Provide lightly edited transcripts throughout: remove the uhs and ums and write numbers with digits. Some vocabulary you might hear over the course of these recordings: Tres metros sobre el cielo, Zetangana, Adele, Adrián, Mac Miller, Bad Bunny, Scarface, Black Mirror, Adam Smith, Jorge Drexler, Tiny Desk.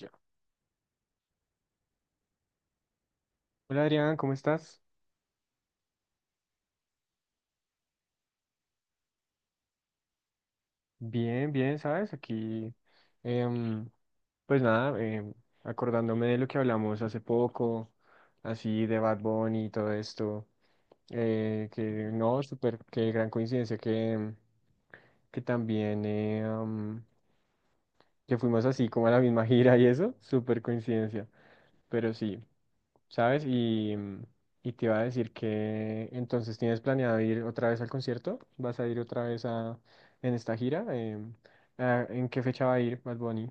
Ya. Hola Adrián, ¿cómo estás? Bien, bien, ¿sabes? Aquí, em, pues nada, acordándome de lo que hablamos hace poco, así de Bad Bunny y todo esto, que no, súper, qué gran coincidencia que, que también, que fuimos así como a la misma gira y eso, súper coincidencia, pero sí, ¿sabes? Y, mm, y te iba a decir que entonces tienes planeado ir otra vez al concierto, ¿vas a ir otra vez en esta gira? ¿En qué fecha va a ir Bad Bunny?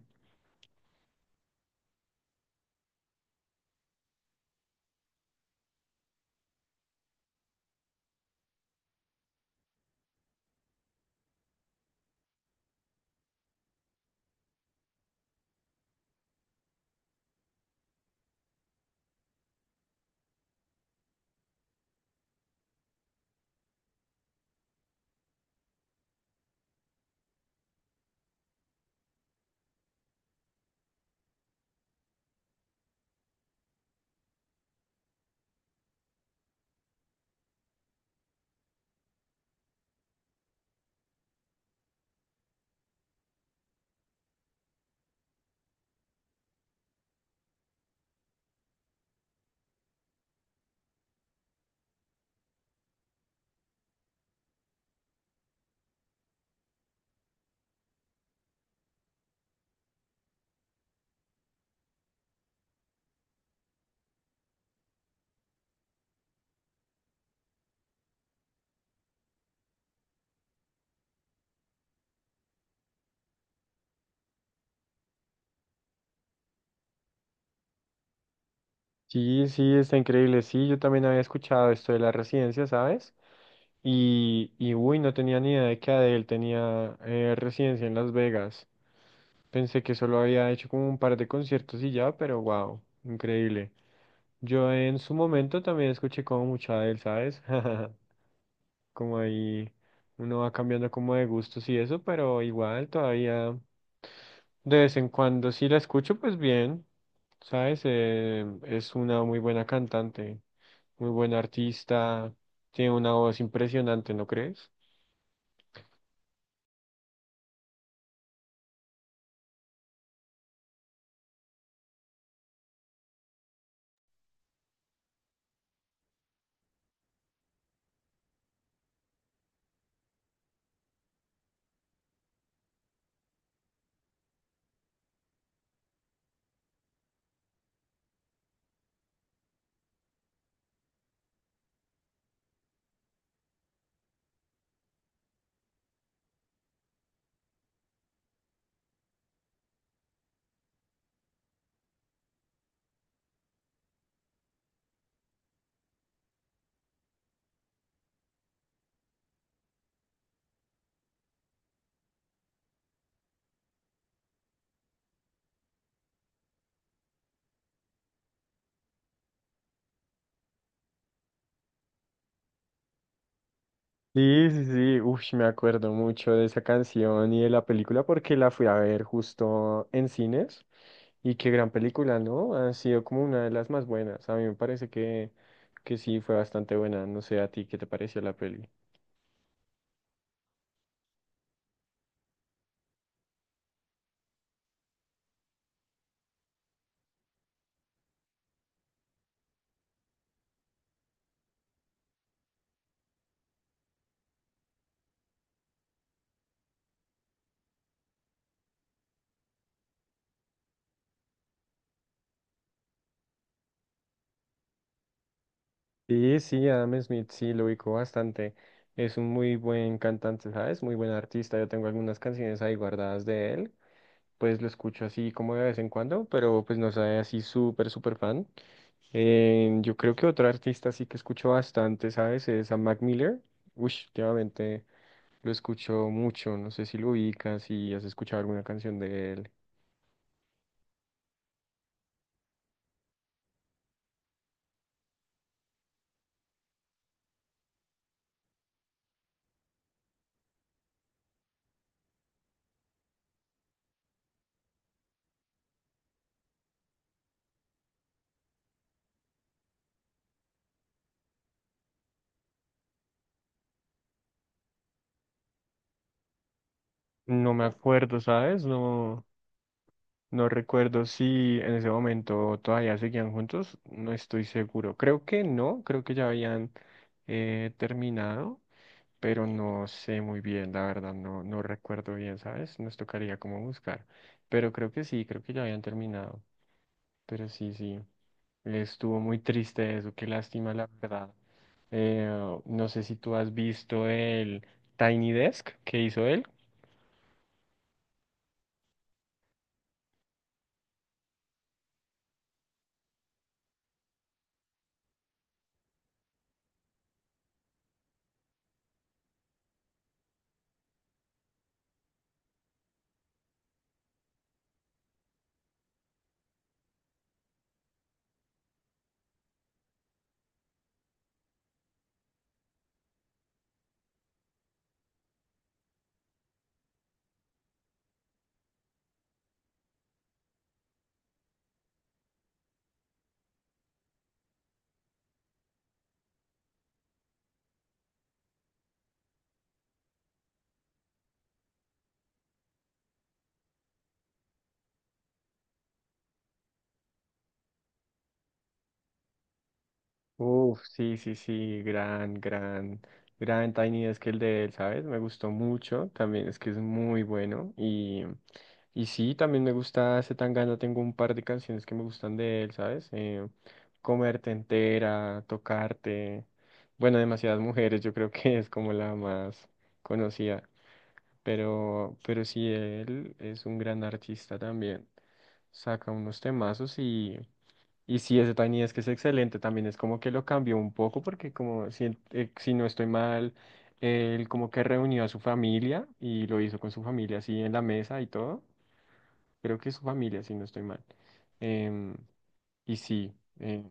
Sí, sí, está increíble. Sí, yo también había escuchado esto de la residencia, ¿sabes? Y uy, no tenía ni idea de que Adele tenía residencia en Las Vegas. Pensé que solo había hecho como un par de conciertos y ya, pero wow, increíble. Yo en su momento también escuché como mucho Adele, ¿sabes? Como ahí uno va cambiando como de gustos y eso, pero igual todavía. De vez en cuando sí la escucho, pues bien, ¿sabes? Es una muy buena cantante, muy buena artista, tiene una voz impresionante, ¿no crees? Sí, sí, sí, uf, me acuerdo mucho de esa canción y de la película porque la fui a ver justo en cines y qué gran película, ¿no? Ha sido como una de las más buenas, a mí me parece que sí fue bastante buena, no sé a ti qué te pareció la peli. Sí, sí, Adam Smith, sí, lo ubico bastante. Es un muy buen cantante, ¿sabes? Muy buen artista. Yo tengo algunas canciones ahí guardadas de él. Pues lo escucho así como de vez en cuando, pero pues no soy así súper, súper fan. Yo creo que otro artista sí que escucho bastante, ¿sabes? Es a Mac Miller. Uy, últimamente lo escucho mucho. No sé si lo ubicas, si has escuchado alguna canción de él. No me acuerdo, ¿sabes? No. No recuerdo si en ese momento todavía seguían juntos, no estoy seguro. Creo que no, creo que ya habían terminado, pero no sé muy bien, la verdad, no, no recuerdo bien, ¿sabes? Nos tocaría como buscar, pero creo que sí, creo que ya habían terminado, pero sí, sí, estuvo muy triste eso, qué lástima, la verdad. Eh, no sé si tú has visto el Tiny Desk que hizo él. Uf, sí, sí, sí, gran, gran, gran Tiny Desk el de él, ¿sabes? Me gustó mucho, también es que es muy bueno y sí, también me gusta Zetangana, tengo un par de canciones que me gustan de él, ¿sabes? Comerte entera, Tocarte, bueno, demasiadas mujeres, yo creo que es como la más conocida, pero sí, él es un gran artista también, saca unos temazos y... Y sí, ese Tiny Desk es excelente, también es como que lo cambió un poco porque como si, si no estoy mal, él como que reunió a su familia y lo hizo con su familia así en la mesa y todo. Creo que es su familia, si no estoy mal. Em, y sí, eh,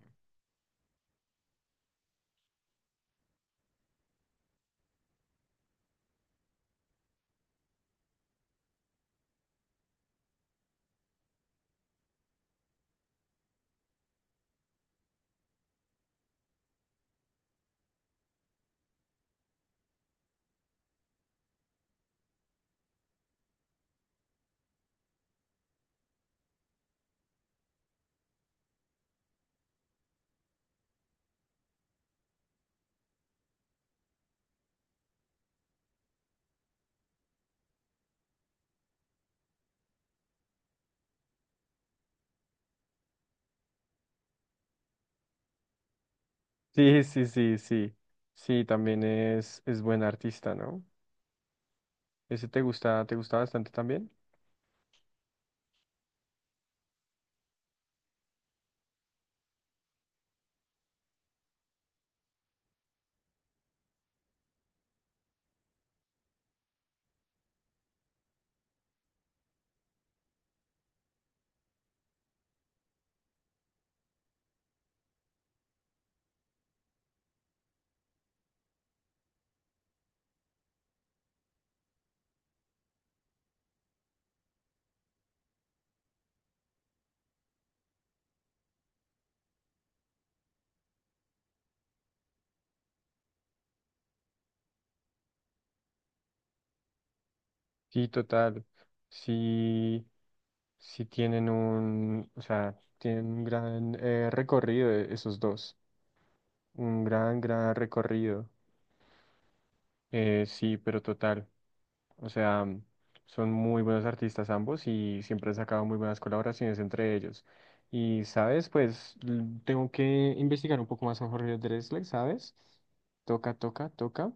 sí, sí, sí, sí. Sí, también es buen artista, ¿no? Ese te gusta bastante también. Sí, total. Sí, sí tienen un, o sea, tienen un gran recorrido esos dos. Un gran, gran recorrido. Sí, pero total. O sea, mm, son muy buenos artistas ambos y siempre han sacado muy buenas colaboraciones entre ellos. Y, ¿sabes? Pues tengo que investigar un poco más a Jorge Drexler, ¿sabes? Toca, toca, toca.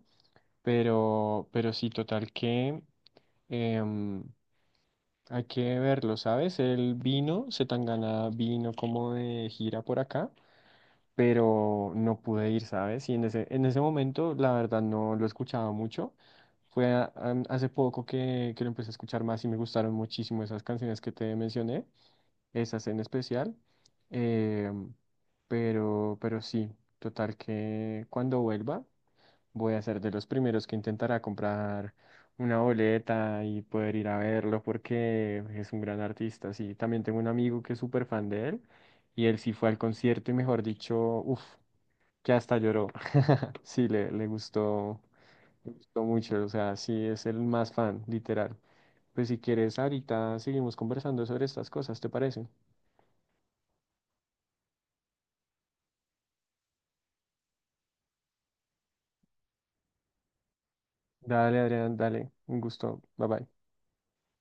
Pero sí, total que em, hay que verlo, ¿sabes? Él vino, se Zetangana vino como de gira por acá. Pero no pude ir, ¿sabes? Y en en ese momento, la verdad, no lo escuchaba mucho. Hace poco que lo empecé a escuchar más y me gustaron muchísimo esas canciones que te mencioné, esas en especial. Eh, pero sí, total que cuando vuelva voy a ser de los primeros que intentará comprar una boleta y poder ir a verlo porque es un gran artista. Sí, también tengo un amigo que es súper fan de él y él sí fue al concierto y mejor dicho, uff, que hasta lloró. Sí, le gustó mucho, o sea, sí es el más fan, literal. Pues si quieres, ahorita seguimos conversando sobre estas cosas, ¿te parece? Dale, Adrián, dale, un gusto, bye bye.